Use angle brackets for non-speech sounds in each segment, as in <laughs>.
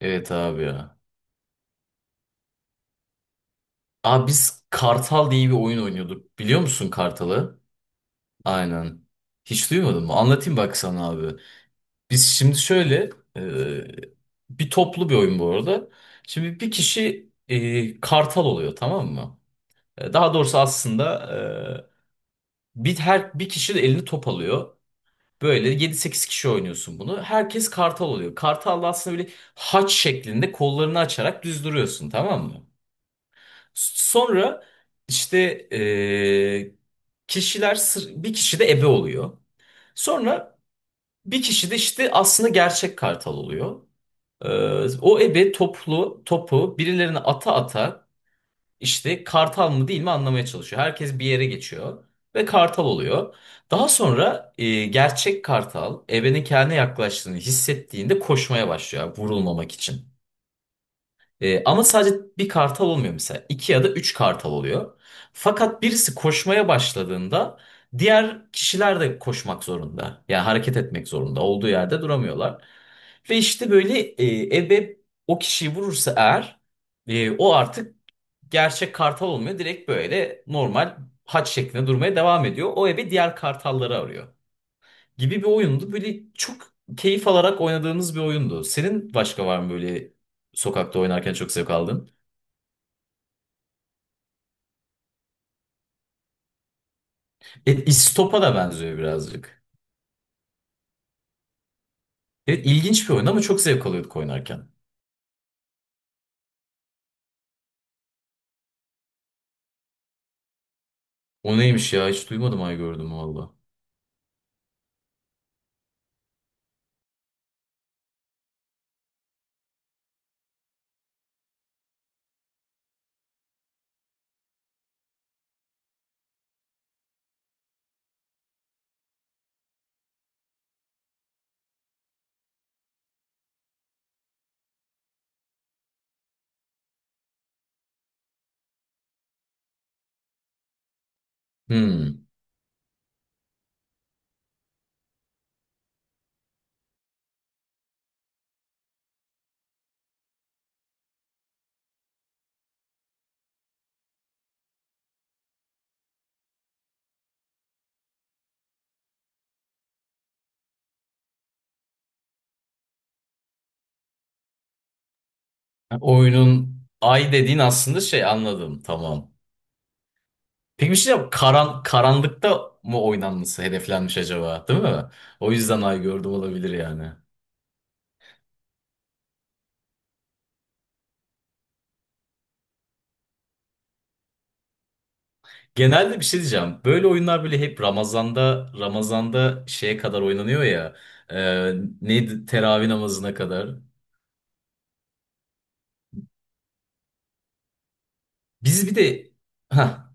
Evet abi ya. Abi biz Kartal diye bir oyun oynuyorduk. Biliyor musun Kartal'ı? Aynen. Hiç duymadın mı? Anlatayım bak sana abi. Biz şimdi şöyle e, bir toplu bir oyun bu arada. Şimdi bir kişi Kartal oluyor, tamam mı? Daha doğrusu aslında e, bir her bir kişi de elini top alıyor. Böyle yedi sekiz kişi oynuyorsun bunu. Herkes Kartal oluyor. Kartal da aslında böyle haç şeklinde kollarını açarak düz duruyorsun, tamam mı? Sonra işte bir kişi de ebe oluyor. Sonra bir kişi de işte aslında gerçek kartal oluyor. O ebe toplu topu birilerine ata ata işte kartal mı değil mi anlamaya çalışıyor. Herkes bir yere geçiyor ve kartal oluyor. Daha sonra gerçek kartal ebenin kendine yaklaştığını hissettiğinde koşmaya başlıyor vurulmamak için. Ama sadece bir kartal olmuyor mesela. İki ya da üç kartal oluyor. Fakat birisi koşmaya başladığında diğer kişiler de koşmak zorunda. Yani hareket etmek zorunda. Olduğu yerde duramıyorlar. Ve işte böyle ebe o kişiyi vurursa eğer o artık gerçek kartal olmuyor. Direkt böyle normal haç şeklinde durmaya devam ediyor. O ebe diğer kartalları arıyor gibi bir oyundu. Böyle çok keyif alarak oynadığımız bir oyundu. Senin başka var mı böyle sokakta oynarken çok zevk aldığın? İstop'a da benziyor birazcık. Evet, ilginç bir oyun ama çok zevk alıyorduk oynarken. O neymiş ya, hiç duymadım ay gördüm valla. Hmm. Oyunun ay dediğin aslında şey, anladım tamam. Peki bir şey diyeceğim. Karanlıkta mı oynanması hedeflenmiş acaba, değil mi? O yüzden ay gördüm olabilir yani. Genelde bir şey diyeceğim. Böyle oyunlar böyle hep Ramazan'da şeye kadar oynanıyor ya. E, neydi? Teravih namazına kadar. Biz bir de ha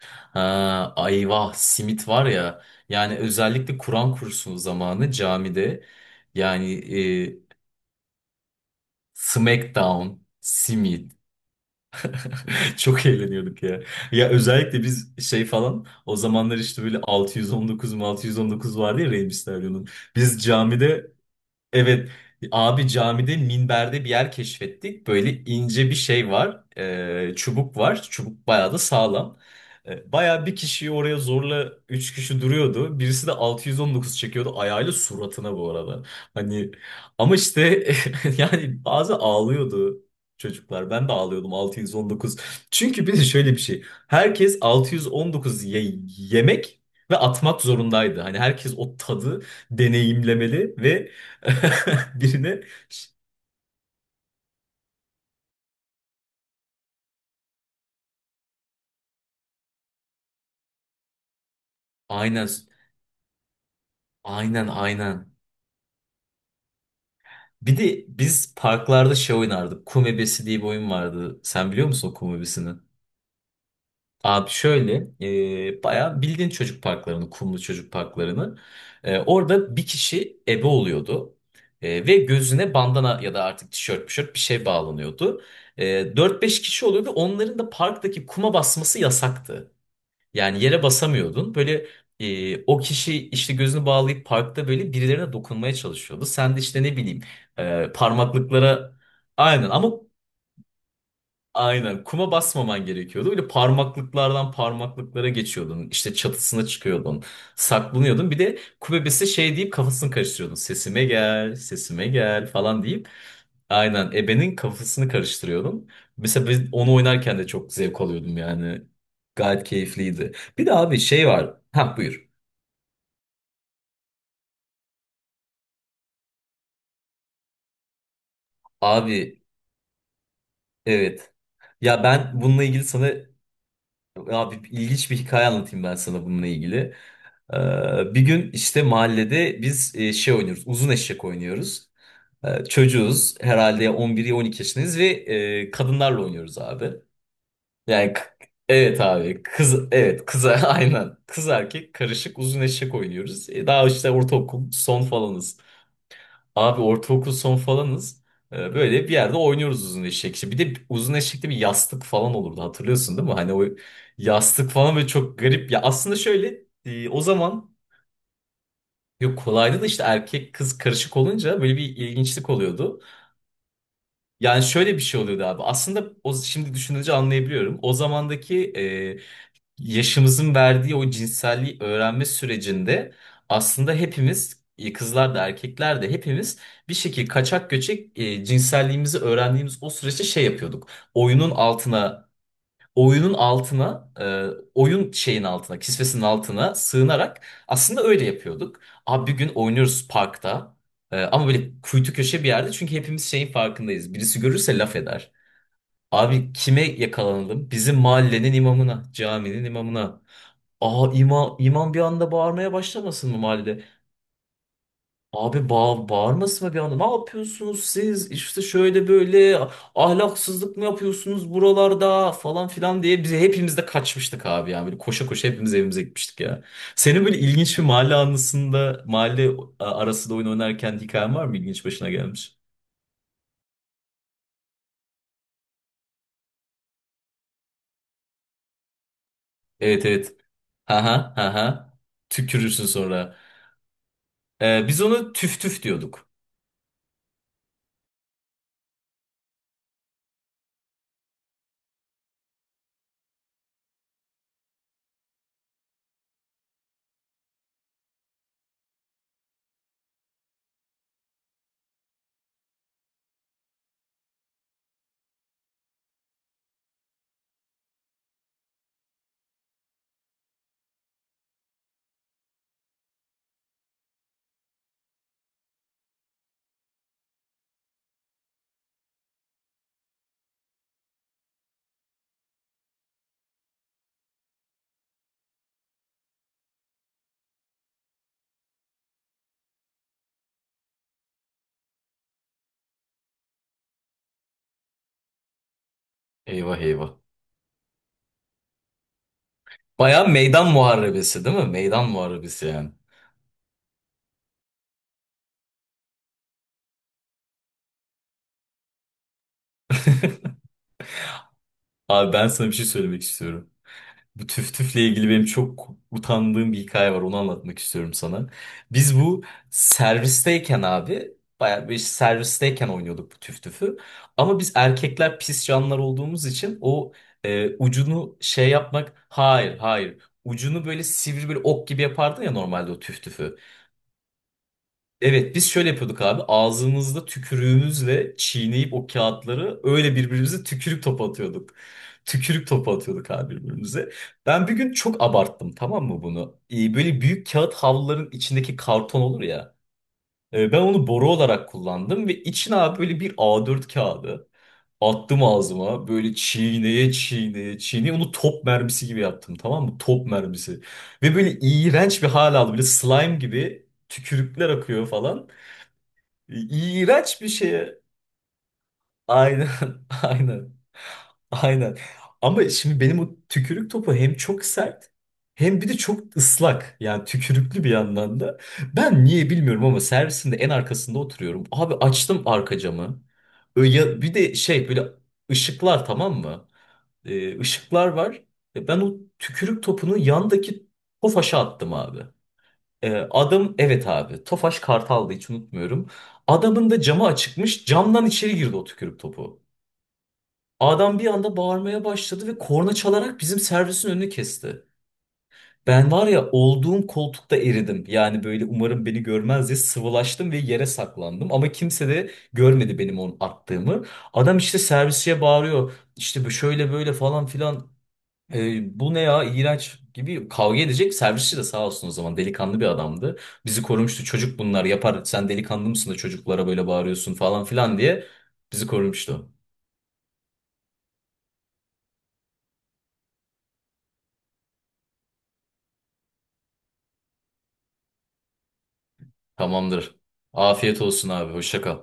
ha ayvah simit var ya. Yani özellikle Kur'an kursu zamanı camide, yani e, Smackdown, simit. <laughs> Çok eğleniyorduk ya. Ya özellikle biz şey falan o zamanlar işte böyle 619 vardı ya Rey Mysterio'nun. Biz camide Evet abi, camide minberde bir yer keşfettik. Böyle ince bir şey var. Çubuk var. Çubuk bayağı da sağlam. Bayağı bir kişiyi oraya zorla 3 kişi duruyordu. Birisi de 619 çekiyordu ayağıyla suratına bu arada. Hani, ama işte <laughs> yani bazı ağlıyordu çocuklar. Ben de ağlıyordum 619. Çünkü bir de şöyle bir şey. Herkes yemek ve atmak zorundaydı. Hani herkes o tadı deneyimlemeli ve <laughs> birine aynen aynen. Bir de biz parklarda şey oynardık. Kum ebesi diye bir oyun vardı. Sen biliyor musun o kum ebesini? Abi şöyle bayağı bildiğin çocuk parklarını, kumlu çocuk parklarını. Orada bir kişi ebe oluyordu. Ve gözüne bandana ya da artık tişört bir şey bağlanıyordu. E, 4-5 kişi oluyordu. Onların da parktaki kuma basması yasaktı. Yani yere basamıyordun. Böyle o kişi işte gözünü bağlayıp parkta böyle birilerine dokunmaya çalışıyordu. Sen de işte ne bileyim parmaklıklara, aynen ama aynen. Kuma basmaman gerekiyordu. Böyle parmaklıklardan parmaklıklara geçiyordun. İşte çatısına çıkıyordun. Saklanıyordun. Bir de ku bebesi şey deyip kafasını karıştırıyordun. Sesime gel, sesime gel falan deyip. Aynen. Ebenin kafasını karıştırıyordun. Mesela biz onu oynarken de çok zevk alıyordum yani. Gayet keyifliydi. Bir de abi şey var. Ha buyur. Abi evet. Ya ben bununla ilgili sana, abi ilginç bir hikaye anlatayım ben sana bununla ilgili. Ee, Bir gün işte mahallede biz şey oynuyoruz. Uzun eşek oynuyoruz. Çocuğuz. Herhalde 11-12 yaşındayız ve kadınlarla oynuyoruz abi. Yani k- evet abi. Evet kıza, <laughs> aynen. Kız erkek karışık uzun eşek oynuyoruz. Daha işte ortaokul son falanız. Abi ortaokul son falanız. Böyle bir yerde oynuyoruz uzun eşek. İşte bir de uzun eşekte bir yastık falan olurdu, hatırlıyorsun değil mi? Hani o yastık falan böyle çok garip. Ya aslında şöyle o zaman yok, kolaydı da işte erkek kız karışık olunca böyle bir ilginçlik oluyordu. Yani şöyle bir şey oluyordu abi. Aslında şimdi düşününce anlayabiliyorum. O zamandaki yaşımızın verdiği o cinselliği öğrenme sürecinde aslında hepimiz, kızlar da erkekler de hepimiz bir şekilde kaçak göçek cinselliğimizi öğrendiğimiz o süreçte şey yapıyorduk. Oyunun altına oyunun altına e, oyun şeyin altına kisvesinin altına sığınarak aslında öyle yapıyorduk. Abi bir gün oynuyoruz parkta ama böyle kuytu köşe bir yerde çünkü hepimiz şeyin farkındayız. Birisi görürse laf eder. Abi kime yakalanalım? Bizim mahallenin imamına, caminin imamına. İmam bir anda bağırmaya başlamasın mı mahallede? Abi bağırmasın mı bir anda? Ne yapıyorsunuz siz? İşte şöyle böyle ahlaksızlık mı yapıyorsunuz buralarda falan filan diye, bize hepimiz de kaçmıştık abi yani. Böyle koşa koşa hepimiz evimize gitmiştik ya. Senin böyle ilginç bir mahalle anısında, mahalle arasında oyun oynarken hikayen var mı ilginç başına gelmiş? Evet evet. Ha ha ha ha. Tükürürsün sonra. Biz onu tüf tüf diyorduk. Eyvah eyvah. Baya meydan muharebesi değil mi? Meydan muharebesi yani. Abi ben sana bir şey söylemek istiyorum. Bu tüf tüfle ilgili benim çok utandığım bir hikaye var. Onu anlatmak istiyorum sana. Biz bu servisteyken abi, baya bir servisteyken oynuyorduk bu tüf tüfü. Ama biz erkekler pis canlar olduğumuz için o ucunu şey yapmak, hayır hayır. Ucunu böyle sivri bir ok gibi yapardın ya normalde o tüf tüfü. Evet biz şöyle yapıyorduk abi. Ağzımızda tükürüğümüzle çiğneyip o kağıtları öyle birbirimize tükürük topu atıyorduk. Tükürük topu atıyorduk abi birbirimize. Ben bir gün çok abarttım, tamam mı bunu? Böyle büyük kağıt havluların içindeki karton olur ya. Ben onu boru olarak kullandım ve içine abi böyle bir A4 kağıdı attım ağzıma. Böyle çiğneye çiğneye çiğneye onu top mermisi gibi yaptım, tamam mı? Top mermisi. Ve böyle iğrenç bir hal aldı. Böyle slime gibi tükürükler akıyor falan. İğrenç bir şeye. Aynen, <laughs> aynen. aynen. Ama şimdi benim o tükürük topu hem çok sert hem bir de çok ıslak. Yani tükürüklü bir yandan da. Ben niye bilmiyorum ama servisinde en arkasında oturuyorum. Abi açtım arka camı. Ya bir de şey böyle ışıklar, tamam mı? Işıklar var. Ben o tükrük topunu yandaki tofaşa attım abi. Adam evet abi Tofaş Kartal'dı, hiç unutmuyorum. Adamın da camı açıkmış, camdan içeri girdi o tükürük topu. Adam bir anda bağırmaya başladı ve korna çalarak bizim servisin önünü kesti. Ben var ya olduğum koltukta eridim. Yani böyle umarım beni görmez diye sıvılaştım ve yere saklandım. Ama kimse de görmedi benim onu attığımı. Adam işte servisçiye bağırıyor. İşte bu şöyle böyle falan filan. Bu ne ya, iğrenç gibi kavga edecek, servisçi de sağ olsun o zaman delikanlı bir adamdı. Bizi korumuştu, çocuk bunlar yapar, sen delikanlı mısın da çocuklara böyle bağırıyorsun falan filan diye bizi korumuştu. Tamamdır. Afiyet olsun abi, hoşça kal.